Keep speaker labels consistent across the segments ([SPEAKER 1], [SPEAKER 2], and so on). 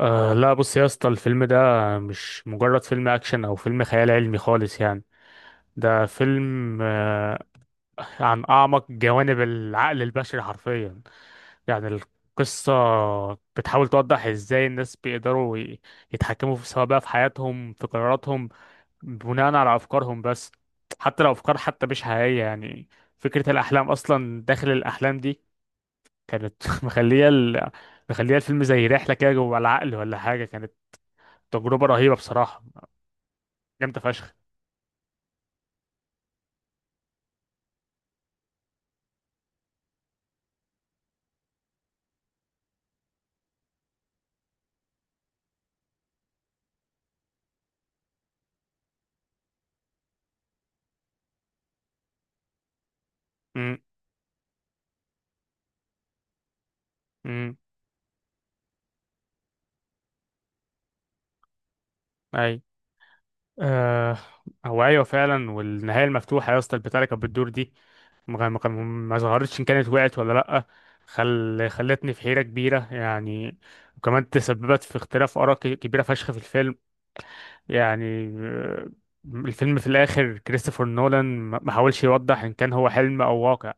[SPEAKER 1] أه، لا، بص يا اسطى، الفيلم ده مش مجرد فيلم اكشن او فيلم خيال علمي خالص، يعني ده فيلم عن اعمق جوانب العقل البشري حرفيا. يعني القصة بتحاول توضح ازاي الناس بيقدروا يتحكموا في، سواء بقى في حياتهم، في قراراتهم، بناء على افكارهم بس، حتى لو افكار حتى مش حقيقية. يعني فكرة الاحلام اصلا داخل الاحلام دي كانت مخلية الفيلم زي رحلة كده جوه العقل ولا حاجة. كانت تجربة رهيبة بصراحة، جامدة فشخ. امم. امم. اي. آه. هو ايوه فعلا، والنهاية المفتوحة يا اسطى، البتاع اللي كانت بتدور دي، ما ما كان- ما ظهرتش ان كانت وقعت ولا لأ، خلتني في حيرة كبيرة. يعني وكمان تسببت في اختلاف آراء كبيرة فشخ في الفيلم. يعني، الفيلم في الآخر، كريستوفر نولان ما حاولش يوضح إن كان هو حلم أو واقع.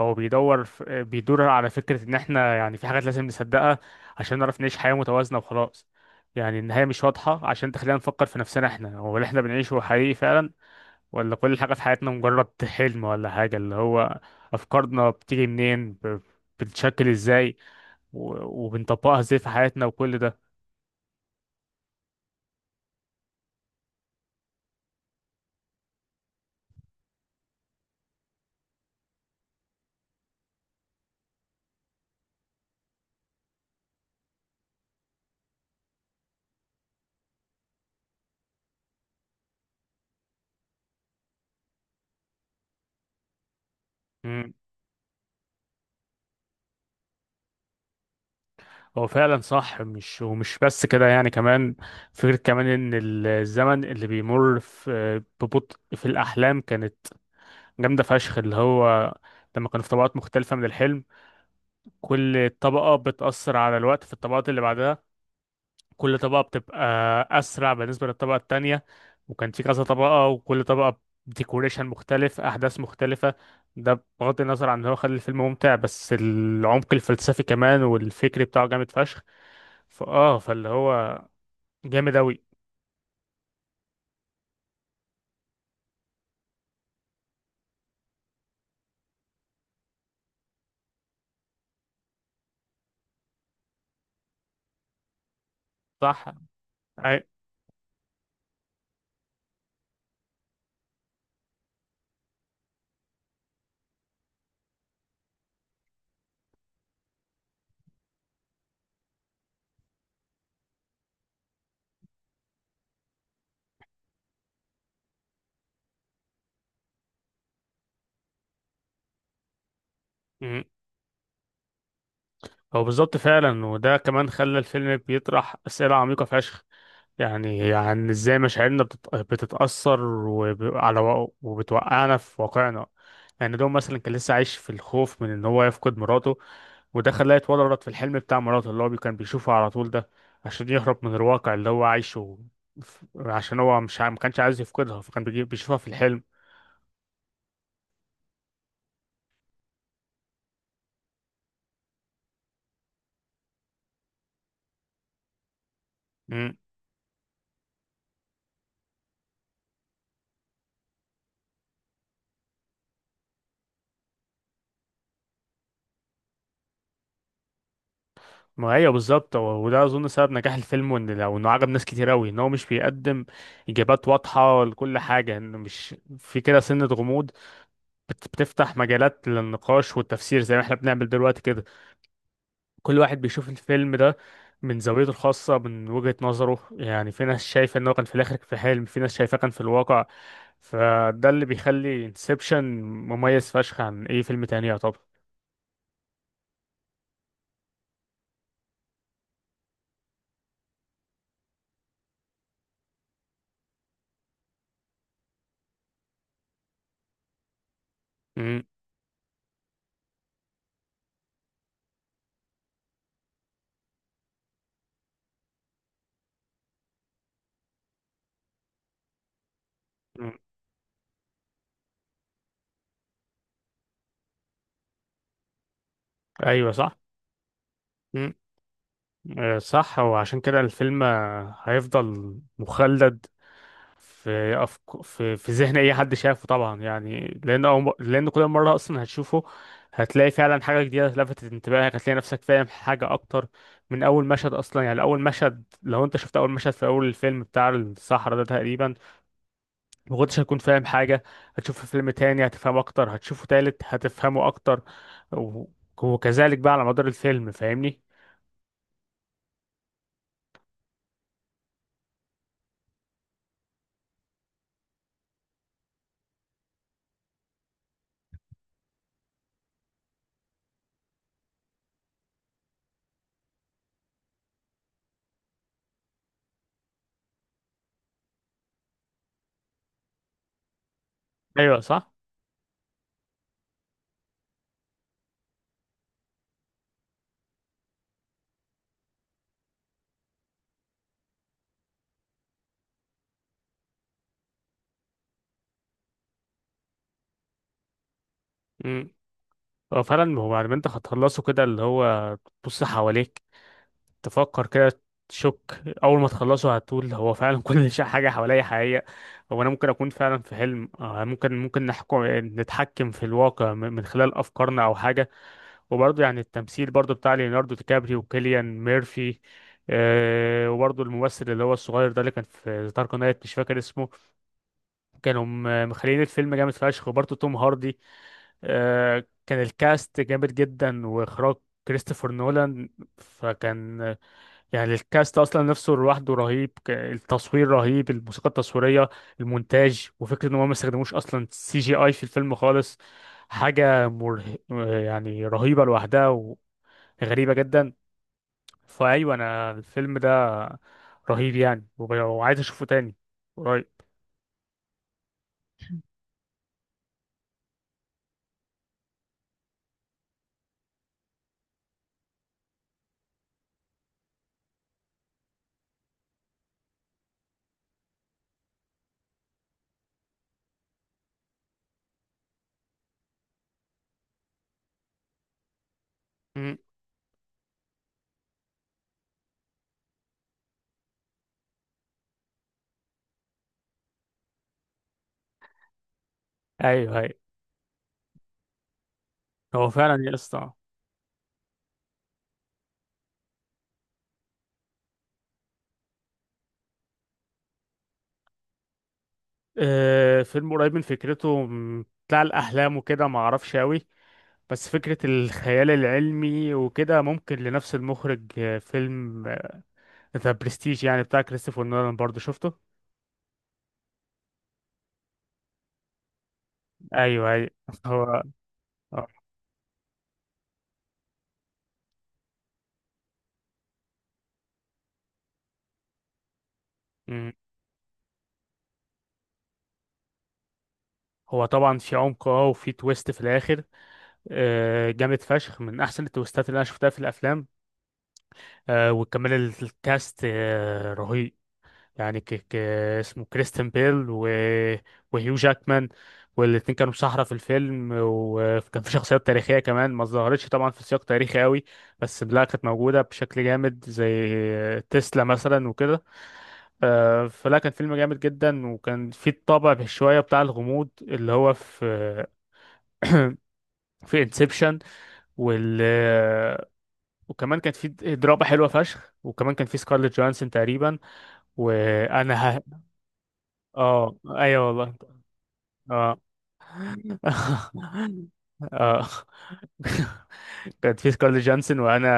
[SPEAKER 1] هو بيدور بيدور على فكرة إن إحنا، يعني، في حاجات لازم نصدقها عشان نعرف نعيش حياة متوازنة وخلاص. يعني النهاية مش واضحة عشان تخلينا نفكر في نفسنا، إحنا هو اللي إحنا بنعيشه حقيقي فعلا، ولا كل حاجة في حياتنا مجرد حلم ولا حاجة. اللي هو أفكارنا بتيجي منين، بتتشكل إزاي، وبنطبقها إزاي في حياتنا، وكل ده. هو فعلا صح، مش ومش بس كده، يعني كمان فكرة كمان ان الزمن اللي بيمر في ببطء في الاحلام كانت جامدة فشخ. اللي هو لما كانوا في طبقات مختلفة من الحلم، كل طبقة بتأثر على الوقت في الطبقات اللي بعدها. كل طبقة بتبقى أسرع بالنسبة للطبقة التانية. وكان في كذا طبقة، وكل طبقة ديكوريشن مختلف، أحداث مختلفة. ده بغض النظر عن إن هو خلى الفيلم ممتع، بس العمق الفلسفي كمان والفكري بتاعه جامد فشخ. فاللي هو جامد اوي. صح. أي... مم. هو بالظبط فعلا، وده كمان خلى الفيلم بيطرح أسئلة عميقة فشخ. يعني ازاي مشاعرنا بتتأثر على وبتوقعنا في واقعنا. يعني دوم مثلا كان لسه عايش في الخوف من ان هو يفقد مراته، وده خلاه يتورط في الحلم بتاع مراته اللي هو كان بيشوفه على طول ده، عشان يهرب من الواقع اللي هو عايشه. عشان هو مش ما كانش عايز يفقدها، فكان بيشوفها في الحلم. مم. ما هي بالظبط، وده اظن سبب نجاح الفيلم، وان لو انه عجب ناس كتير قوي، ان هو مش بيقدم اجابات واضحه لكل حاجه، انه مش في كده سنه غموض، بتفتح مجالات للنقاش والتفسير، زي ما احنا بنعمل دلوقتي كده. كل واحد بيشوف الفيلم ده من زاويته الخاصه، من وجهه نظره. يعني في ناس شايفه انه كان في الاخر في حلم، في ناس شايفاه كان في الواقع. فده اللي بيخلي انسبشن مميز فشخ عن اي فيلم تاني، يعتبر. مم. مم. ايوه صح. آه، صح. وعشان كده الفيلم هيفضل مخلد في في ذهن اي حد شافه طبعا. يعني لان لان كل مره اصلا هتشوفه هتلاقي فعلا حاجه جديده لفتت انتباهك، هتلاقي نفسك فاهم حاجه اكتر. من اول مشهد اصلا، يعني اول مشهد، لو انت شفت اول مشهد في اول الفيلم بتاع الصحراء ده تقريبا، ما كنتش هتكون فاهم حاجه. هتشوف في فيلم تاني هتفهم اكتر، هتشوفه تالت هتفهمه اكتر، و... وكذلك بقى على مدار الفيلم، فاهمني. ايوه صح. هو فعلا، هو بعد ما انت هتخلصه كده، اللي هو تبص حواليك، تفكر كده، تشك، اول ما تخلصه هتقول هو فعلا كل شيء، حاجه حواليا حقيقيه. هو انا ممكن اكون فعلا في حلم؟ آه، ممكن نتحكم في الواقع من خلال افكارنا او حاجه. وبرضه يعني التمثيل برضه بتاع ليوناردو دي كابريو وكيليان ميرفي. أه وبرضه الممثل اللي هو الصغير ده اللي كان في دارك نايت، مش فاكر اسمه، كانوا مخليين الفيلم جامد فشخ. وبرضه توم هاردي. آه، كان الكاست جامد جدا، واخراج كريستوفر نولان. فكان، يعني، الكاست اصلا نفسه لوحده رهيب. التصوير رهيب، الموسيقى التصويريه، المونتاج، وفكره ان هم ما استخدموش اصلا سي جي اي في الفيلم خالص. حاجه مره، يعني رهيبه لوحدها، وغريبه جدا. فايوه انا الفيلم ده رهيب يعني، وعايز اشوفه تاني قريب. مم. ايوه ايوه. هو فعلا يا اسطى. آه، فيلم قريب من فكرته، بتاع الأحلام وكده، ما أعرفش أوي. بس فكرة الخيال العلمي وكده ممكن، لنفس المخرج، آه، فيلم ذا برستيج، يعني بتاع كريستوفر نولان، برضه شفته. أيوه أيوه. هو آه. مم. هو طبعا في عمق، اه، وفي تويست في الآخر آه، جامد فشخ، من أحسن التويستات اللي أنا شفتها في الأفلام. آه، وكمان الكاست آه، رهيب. يعني اسمه كريستن بيل وهيو جاكمان. والاتنين كانوا سحرة في الفيلم. وكان في شخصيات تاريخية كمان ما ظهرتش طبعا في سياق تاريخي قوي، بس لا كانت موجودة بشكل جامد، زي تسلا مثلا وكده. آه، فلا كان فيلم جامد جدا، وكان في الطابع شوية بتاع الغموض اللي هو في انسبشن. وال وكمان كانت في دراما حلوة فشخ، وكمان كان في سكارليت جوانسون تقريبا. وانا ه... اه ايوه والله. اه اه كانت في سكارليت جانسون، وانا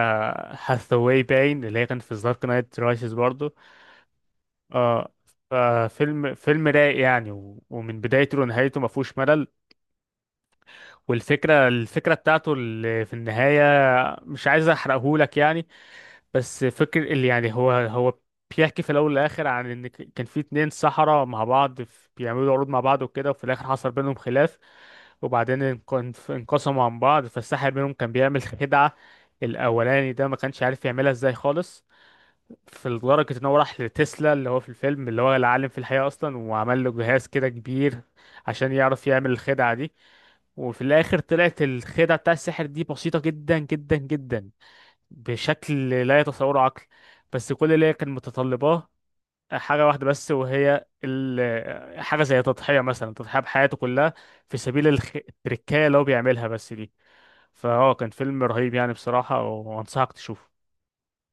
[SPEAKER 1] هاثاواي باين، اللي هي كانت في دارك نايت رايسز برضو. اه. ففيلم رايق يعني، ومن بدايته لنهايته ما فيهوش ملل. والفكره بتاعته اللي في النهايه، مش عايز احرقهولك يعني، بس فكر اللي يعني هو بيحكي في الاول والاخر عن ان كان في اتنين سحرة مع بعض، بيعملوا عروض مع بعض وكده، وفي الاخر حصل بينهم خلاف. وبعدين انقسموا عن بعض. فالساحر منهم كان بيعمل خدعة، الاولاني ده، ما كانش عارف يعملها ازاي خالص، في لدرجة ان هو راح لتسلا، اللي هو في الفيلم اللي هو العالم في الحقيقة اصلا، وعمل له جهاز كده كبير عشان يعرف يعمل الخدعة دي. وفي الاخر طلعت الخدعة بتاع السحر دي بسيطة جدا جدا جدا، بشكل لا يتصوره عقل. بس كل اللي هي كان متطلباه حاجة واحدة بس، وهي حاجة زي تضحية مثلا، تضحية بحياته كلها في سبيل التركاية اللي هو بيعملها بس دي. فهو كان فيلم رهيب يعني بصراحة، وأنصحك تشوفه.